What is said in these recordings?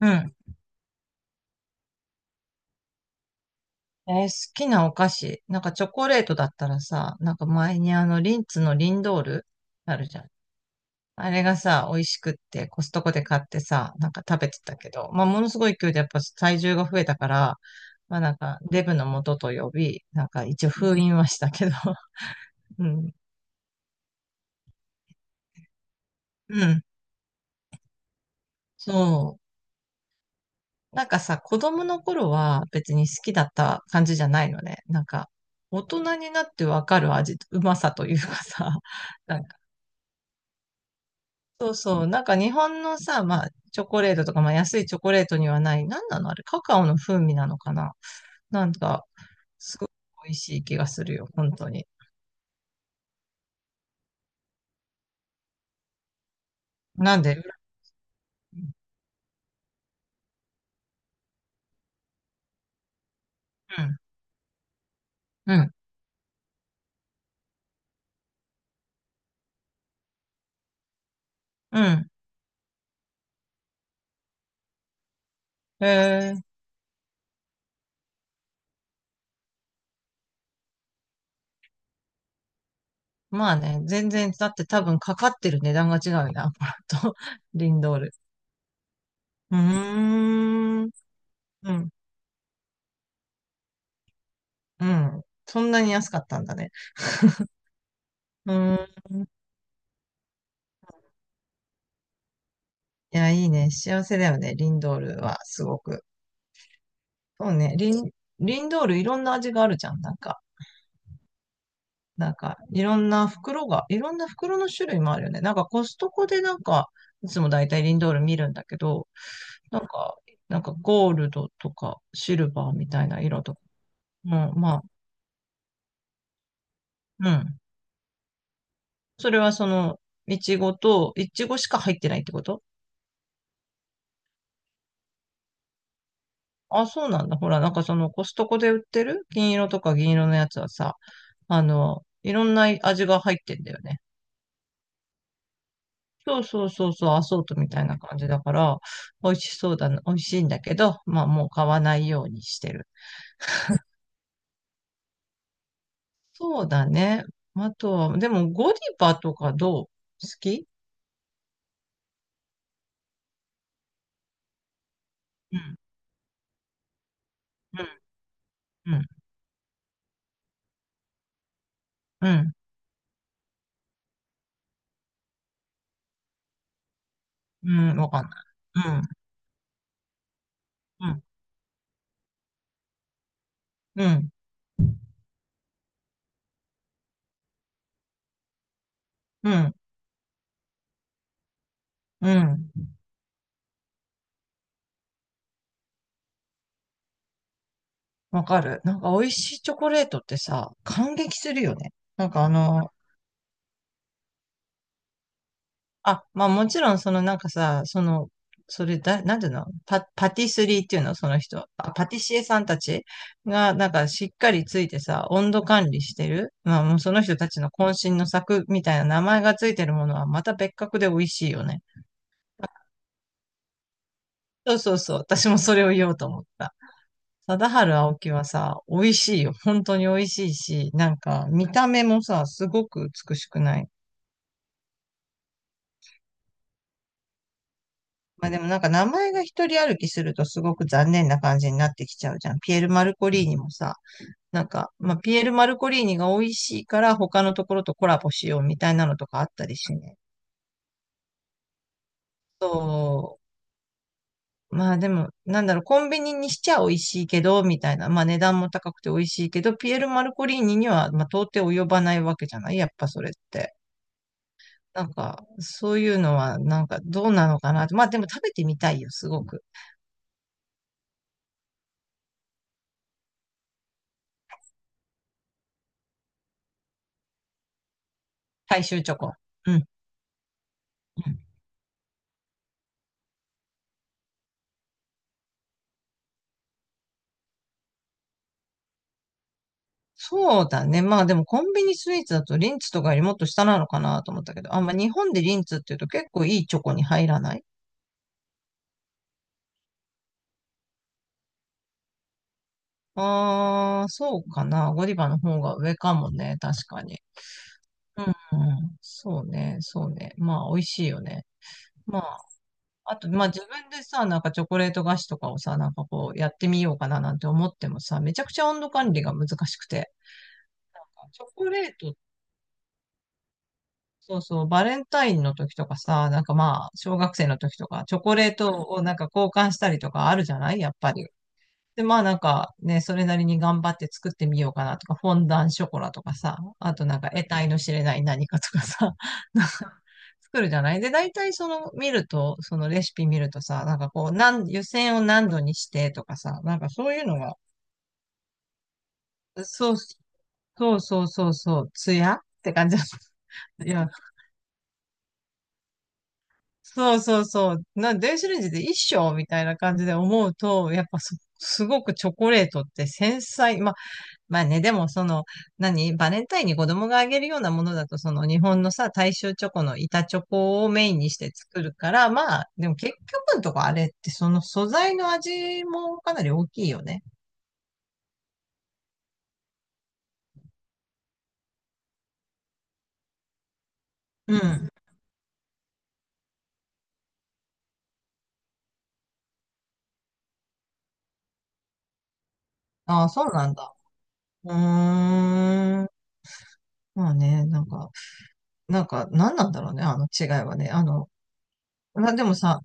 うん。好きなお菓子。なんかチョコレートだったらさ、なんか前にリンツのリンドールあるじゃん。あれがさ、美味しくってコストコで買ってさ、なんか食べてたけど、まあものすごい勢いでやっぱ体重が増えたから、まあなんかデブの元と呼び、なんか一応封印はしたけど、うん。うん。そう。なんかさ、子供の頃は別に好きだった感じじゃないのね。なんか、大人になってわかる味、うまさというかさ、なんかそうそう。なんか日本のさ、まあ、チョコレートとか、まあ、安いチョコレートにはない、なんなのあれ、カカオの風味なのかな。なんか、すごい美味しい気がするよ、本当に。なんで、うん、うん、うん。うん。えー、まあね、全然、だって多分かかってる値段が違うよな、アパと、リンドール。うーん、うん、うん。そんなに安かったんだね。うーん。いや、いいね。幸せだよね、リンドールは、すごく。そうね。リンドールいろんな味があるじゃん。なんか、なんか、いろんな袋が、いろんな袋の種類もあるよね。なんかコストコでなんか、いつもだいたいリンドール見るんだけど、なんか、なんかゴールドとかシルバーみたいな色とか。うん、まあ、うん。それはその、いちごと、いちごしか入ってないってこと？あ、そうなんだ。ほら、なんかそのコストコで売ってる金色とか銀色のやつはさ、いろんな味が入ってんだよね。そうそうそうそう、アソートみたいな感じだから、美味しそうだな、美味しいんだけど、まあもう買わないようにしてる。そうだね。あとは、でもゴディバとかどう好き？うん、うん、うん、うん、うんわかんない。うん、うん、うん、うん、うん。わかる。なんか美味しいチョコレートってさ、感激するよね。なんかあ、まあもちろん、そのなんかさ、その、それだ、なんていうのパティスリーっていうのその人。あパティシエさんたちが、なんかしっかりついてさ、温度管理してる。まあもうその人たちの渾身の作みたいな名前がついてるものはまた別格で美味しいよね。そうそうそう。私もそれを言おうと思った。貞治青木はさ、美味しいよ。本当に美味しいし、なんか見た目もさ、すごく美しくない？まあでもなんか名前が一人歩きするとすごく残念な感じになってきちゃうじゃん。ピエール・マルコリーニもさ、なんか、まあピエール・マルコリーニが美味しいから他のところとコラボしようみたいなのとかあったりしね。そう。まあでも、なんだろう、コンビニにしちゃ美味しいけど、みたいな。まあ値段も高くて美味しいけど、ピエール・マルコリーニには、まあ到底及ばないわけじゃないやっぱそれって。なんか、そういうのは、なんかどうなのかなって。まあでも食べてみたいよ、すごく。大衆チョコ。うん。そうだね。まあでもコンビニスイーツだとリンツとかよりもっと下なのかなと思ったけど、あ、まあ日本でリンツっていうと結構いいチョコに入らない？ああー、そうかな。ゴディバの方が上かもね。確かに。うん、うん、そうね、そうね。まあ美味しいよね。まあ、あと、まあ自分でさ、なんかチョコレート菓子とかをさ、なんかこうやってみようかななんて思ってもさ、めちゃくちゃ温度管理が難しくて。チョコレートっそうそう、バレンタインの時とかさ、なんかまあ、小学生の時とか、チョコレートをなんか交換したりとかあるじゃないやっぱり。で、まあなんかね、それなりに頑張って作ってみようかなとか、フォンダンショコラとかさ、あとなんか得体の知れない何かとかさ、なんか作るじゃない。で、大体その見ると、そのレシピ見るとさ、なんかこう、湯煎を何度にしてとかさ、なんかそういうのが、そう、そうそうそうそう、ツヤって感じだった。いや、そうそうそう。な、電子レンジで一生みたいな感じで思うと、やっぱすごくチョコレートって繊細。まあ、まあね、でもその、何、バレンタインに子供があげるようなものだと、その日本のさ、大衆チョコの板チョコをメインにして作るから、まあ、でも結局のとこあれってその素材の味もかなり大きいよね。うん。ああ、そうなんだ。うーん。まあね、なんか、なんか、何なんだろうね、あの違いはね。まあでもさ、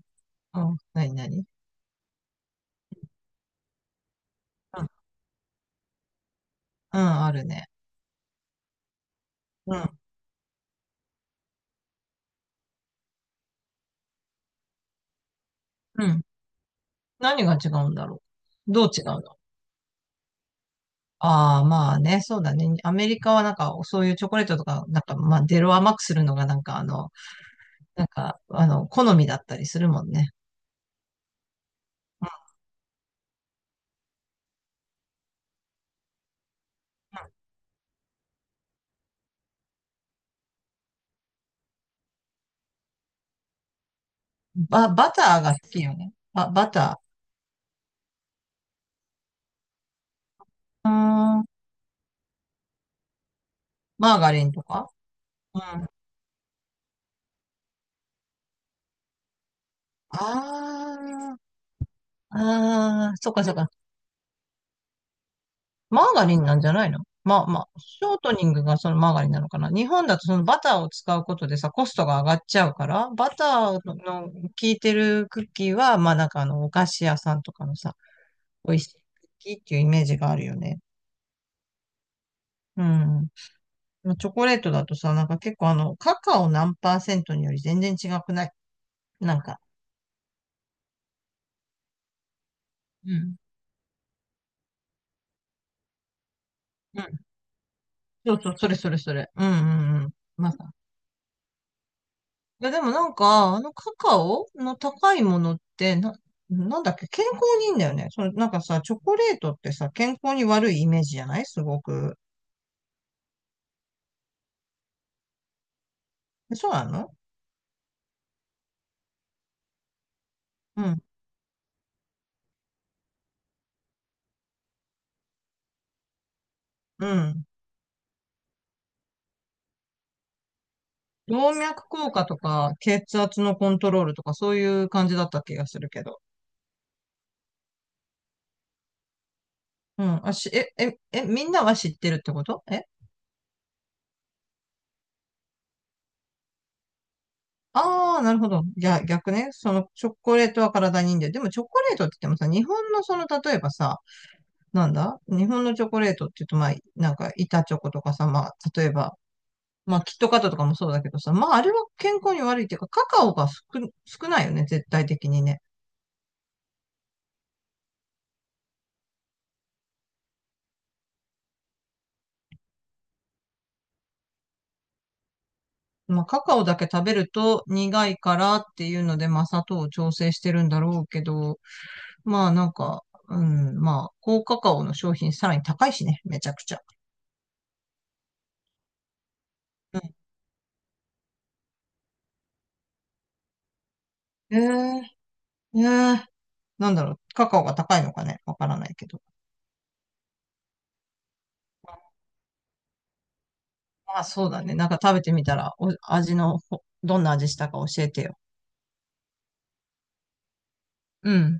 うん、何何うん、あるね。うん。うん。何が違うんだろう。どう違うの？ああまあね、そうだね。アメリカはなんか、そういうチョコレートとか、なんか、まあ、出ろ甘くするのが、なんか、あの、なんか、あの、好みだったりするもんね。うん。バターが好きよね。バター。うーん。マーガリンとかうん。ああ、ああ、そっかそっか。マーガリンなんじゃないの？まあまあ、ショートニングがそのマーガリンなのかな。日本だとそのバターを使うことでさ、コストが上がっちゃうから、バターの効いてるクッキーは、まあなんかお菓子屋さんとかのさ、美味しいクッキーっていうイメージがあるよね。うん。まあチョコレートだとさ、なんか結構あの、カカオ何パーセントにより全然違くない？なんか。うん。うん。そうそう、それそれそれ。うんうんうん。まあいや、でもなんか、あのカカオの高いものって、なんだっけ、健康にいいんだよね。その、なんかさ、チョコレートってさ、健康に悪いイメージじゃないすごく。えそうなの？うん。うん。動脈硬化とか、血圧のコントロールとか、そういう感じだった気がするけど。うん。あ、し、え、え、え、みんなは知ってるってこと？えああー、なるほど。逆ね。その、チョコレートは体にいいんだよ。でも、チョコレートって言ってもさ、日本のその、例えばさ、なんだ日本のチョコレートって言うと、まあ、なんか、板チョコとかさ、まあ、例えば、まあ、キットカットとかもそうだけどさ、まあ、あれは健康に悪いっていうか、カカオが少、少ないよね、絶対的にね。まあ、カカオだけ食べると苦いからっていうので、まあ、砂糖を調整してるんだろうけど、まあ、なんか、うん、まあ、高カカオの商品さらに高いしね、めちゃくちゃ。うん。えー、えー、なんだろう、カカオが高いのかね、わからないけど。あ、そうだね。なんか食べてみたら、お、味のほ、どんな味したか教えてよ。うん。